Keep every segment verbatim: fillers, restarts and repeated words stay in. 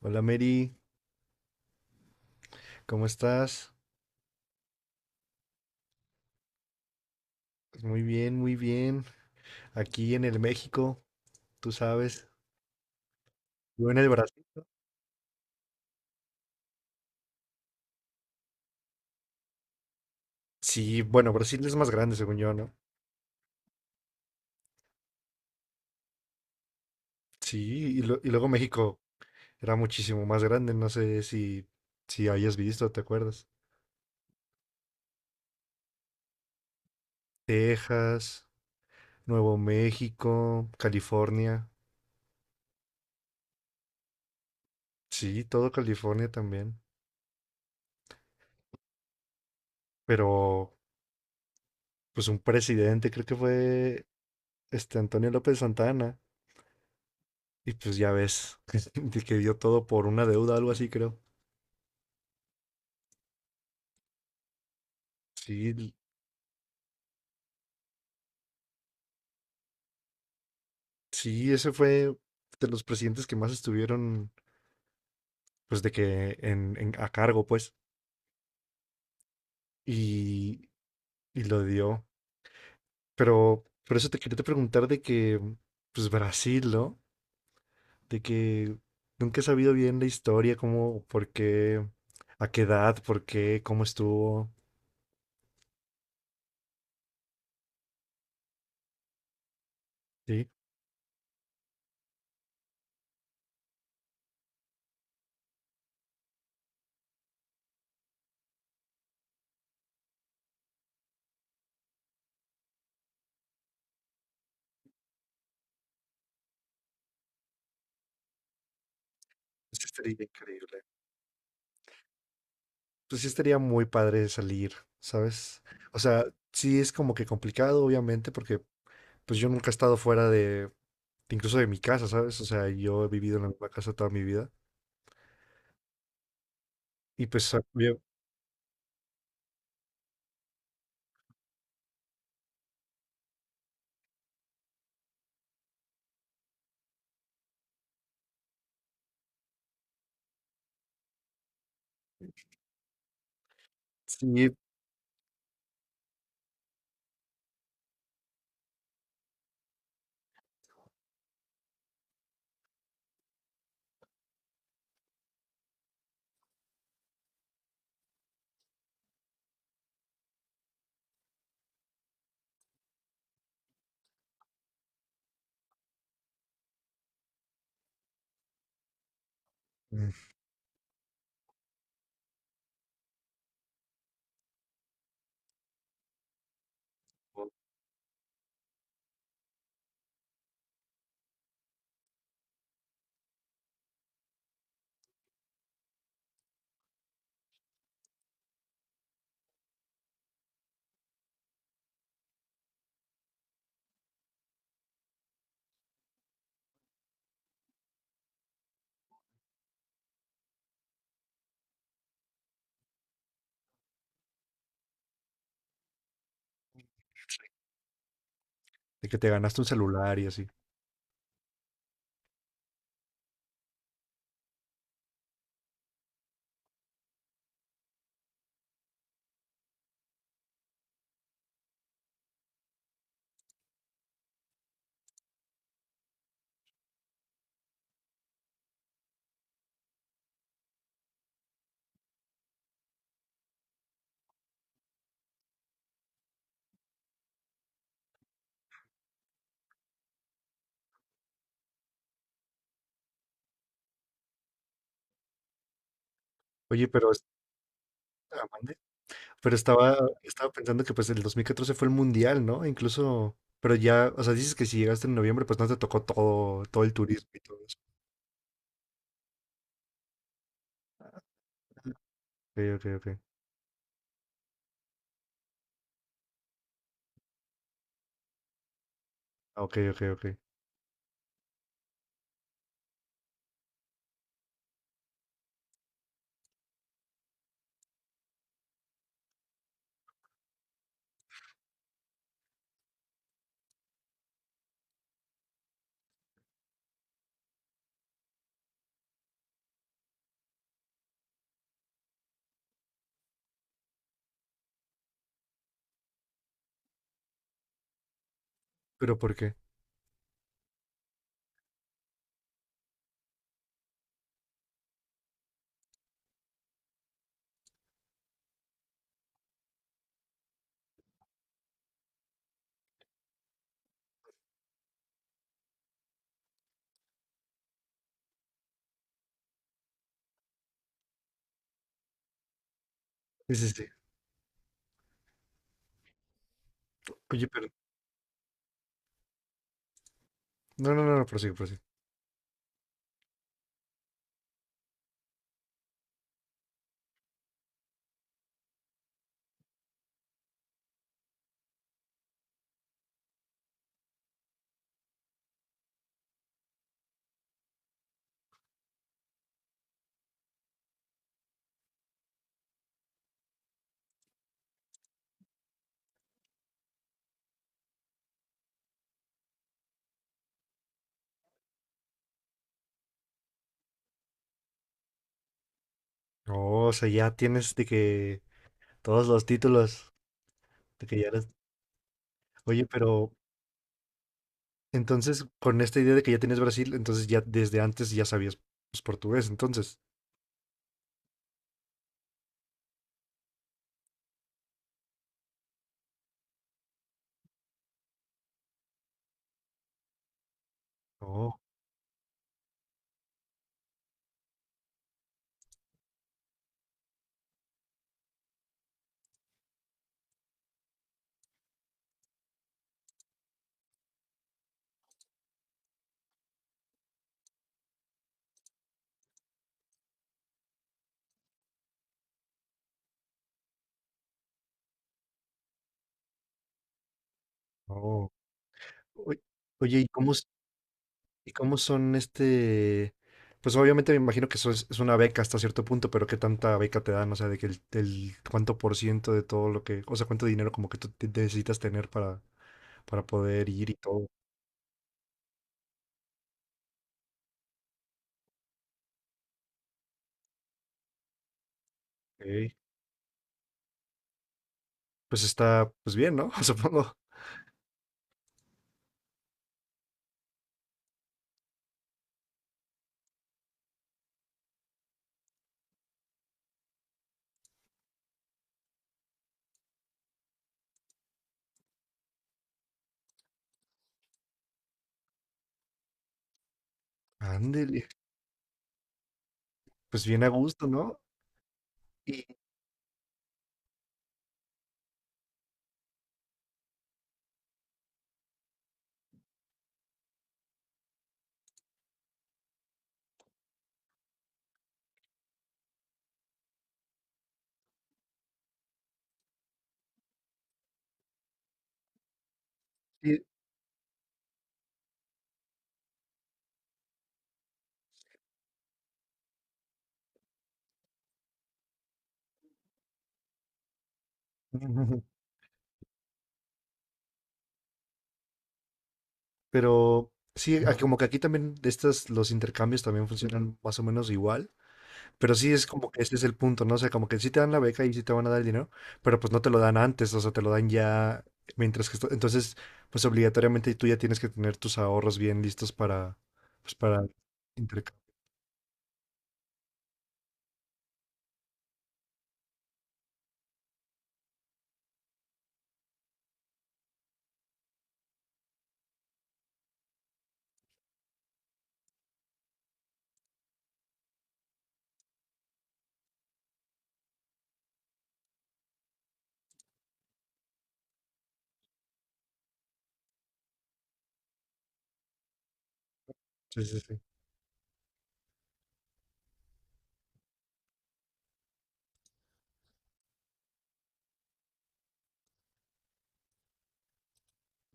Hola, Mary, ¿cómo estás? Pues muy bien, muy bien. Aquí en el México, tú sabes. Yo en el Brasil, ¿no? Sí, bueno, Brasil es más grande, según yo, ¿no? Sí, y, lo- y luego México era muchísimo más grande, no sé si, si hayas visto, ¿te acuerdas? Texas, Nuevo México, California. Sí, todo California también. Pero, pues un presidente, creo que fue este Antonio López Santana. Y pues ya ves, de que dio todo por una deuda, algo así, creo. Sí, sí, ese fue de los presidentes que más estuvieron, pues de que en, en- a cargo, pues, y, y lo dio. Pero por eso te quería te preguntar de que, pues Brasil, ¿no? De que nunca he sabido bien la historia, cómo, por qué, a qué edad, por qué, cómo estuvo, ¿sí? Eso estaría increíble. Pues sí estaría muy padre salir, ¿sabes? O sea, sí es como que complicado, obviamente, porque pues yo nunca he estado fuera de, incluso de mi casa, ¿sabes? O sea, yo he vivido en la misma casa toda mi vida. Y pues ah, bien, sí, mm, de que te ganaste un celular y así. Oye, pero, es- ah, mande. Pero estaba, estaba pensando que pues el dos mil catorce fue el mundial, ¿no? Incluso, pero ya, o sea, dices que si llegaste en noviembre, pues no te tocó todo, todo el turismo y todo eso. Ok, ok, ok. Ah, ok, ok, ok. Pero ¿por qué? Sí, sí, sí. Oye, pero no, no, no, no, prosigue, prosigue. Oh, o sea, ya tienes de que todos los títulos, de que ya eres- Oye, pero entonces con esta idea de que ya tienes Brasil, entonces ya desde antes ya sabías pues portugués, entonces. Oh, oh. Oy- Oye, ¿y cómo, s- y cómo son este? Pues obviamente me imagino que eso es, es una beca hasta cierto punto, pero ¿qué tanta beca te dan? O sea, de que el, el cuánto por ciento de todo lo que, o sea, cuánto dinero como que tú te- necesitas tener para, para poder ir y todo. Ok. Pues está, pues bien, ¿no? Supongo. Ándele, pues bien a gusto, ¿no? Y, y- pero sí, a- como que aquí también de estas, los intercambios también funcionan más o menos igual, pero sí es como que ese es el punto, ¿no? O sea, como que sí te dan la beca y sí te van a dar el dinero, pero pues no te lo dan antes, o sea, te lo dan ya mientras que esto- entonces, pues obligatoriamente tú ya tienes que tener tus ahorros bien listos para, pues para intercambio. Sí, sí, sí.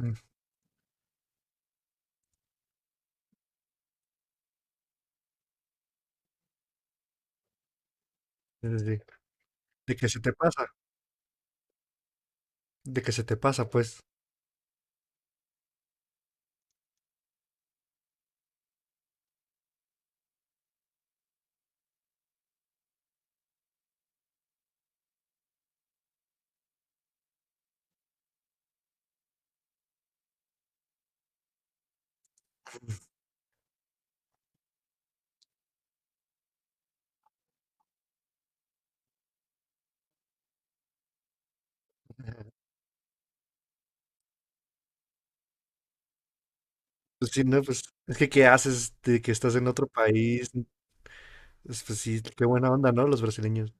Mm, sí, sí, sí. De que se te pasa, de que se te pasa, pues. Pues sí, no, pues es que ¿qué haces de que estás en otro país? Es- Pues sí, qué buena onda, ¿no? Los brasileños.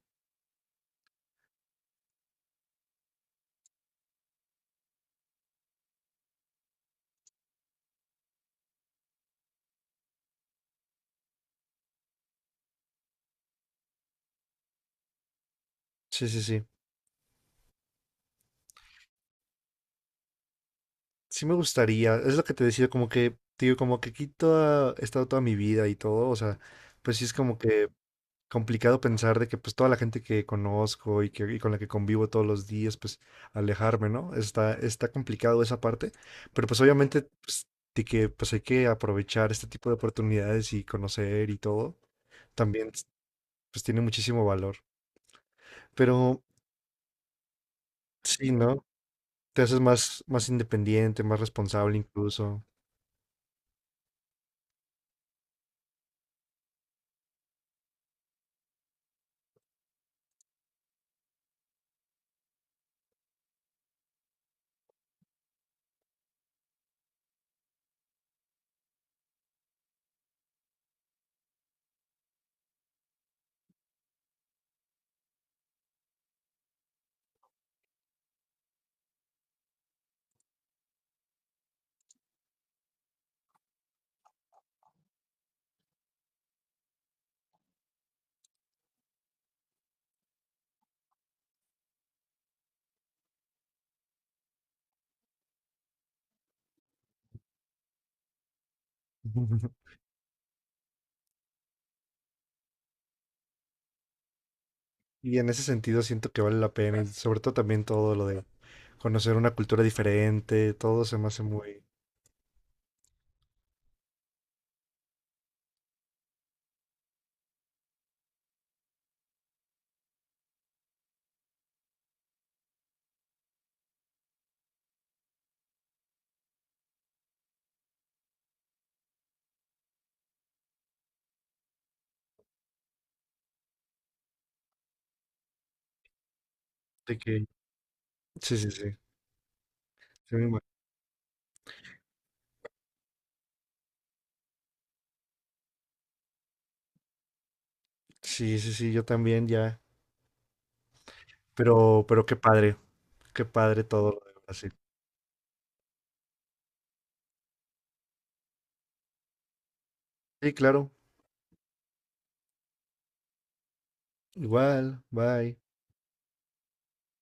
Sí, sí, sí. Sí me gustaría. Es lo que te decía, como que, digo, como que aquí toda, he estado toda mi vida y todo. O sea, pues sí es como que complicado pensar de que pues toda la gente que conozco y, que, y con la que convivo todos los días, pues alejarme, ¿no? Está, está complicado esa parte. Pero pues obviamente, pues, de que pues hay que aprovechar este tipo de oportunidades y conocer y todo. También, pues tiene muchísimo valor. Pero sí, ¿no? Te haces más, más independiente, más responsable incluso. Y en ese sentido siento que vale la pena, y sobre todo también todo lo de conocer una cultura diferente, todo se me hace muy... de que- Sí, sí, sí. Sí, me imag- sí, sí, sí, yo también ya. Pero, pero qué padre, qué padre todo lo de Brasil. Sí, claro. Igual, bye.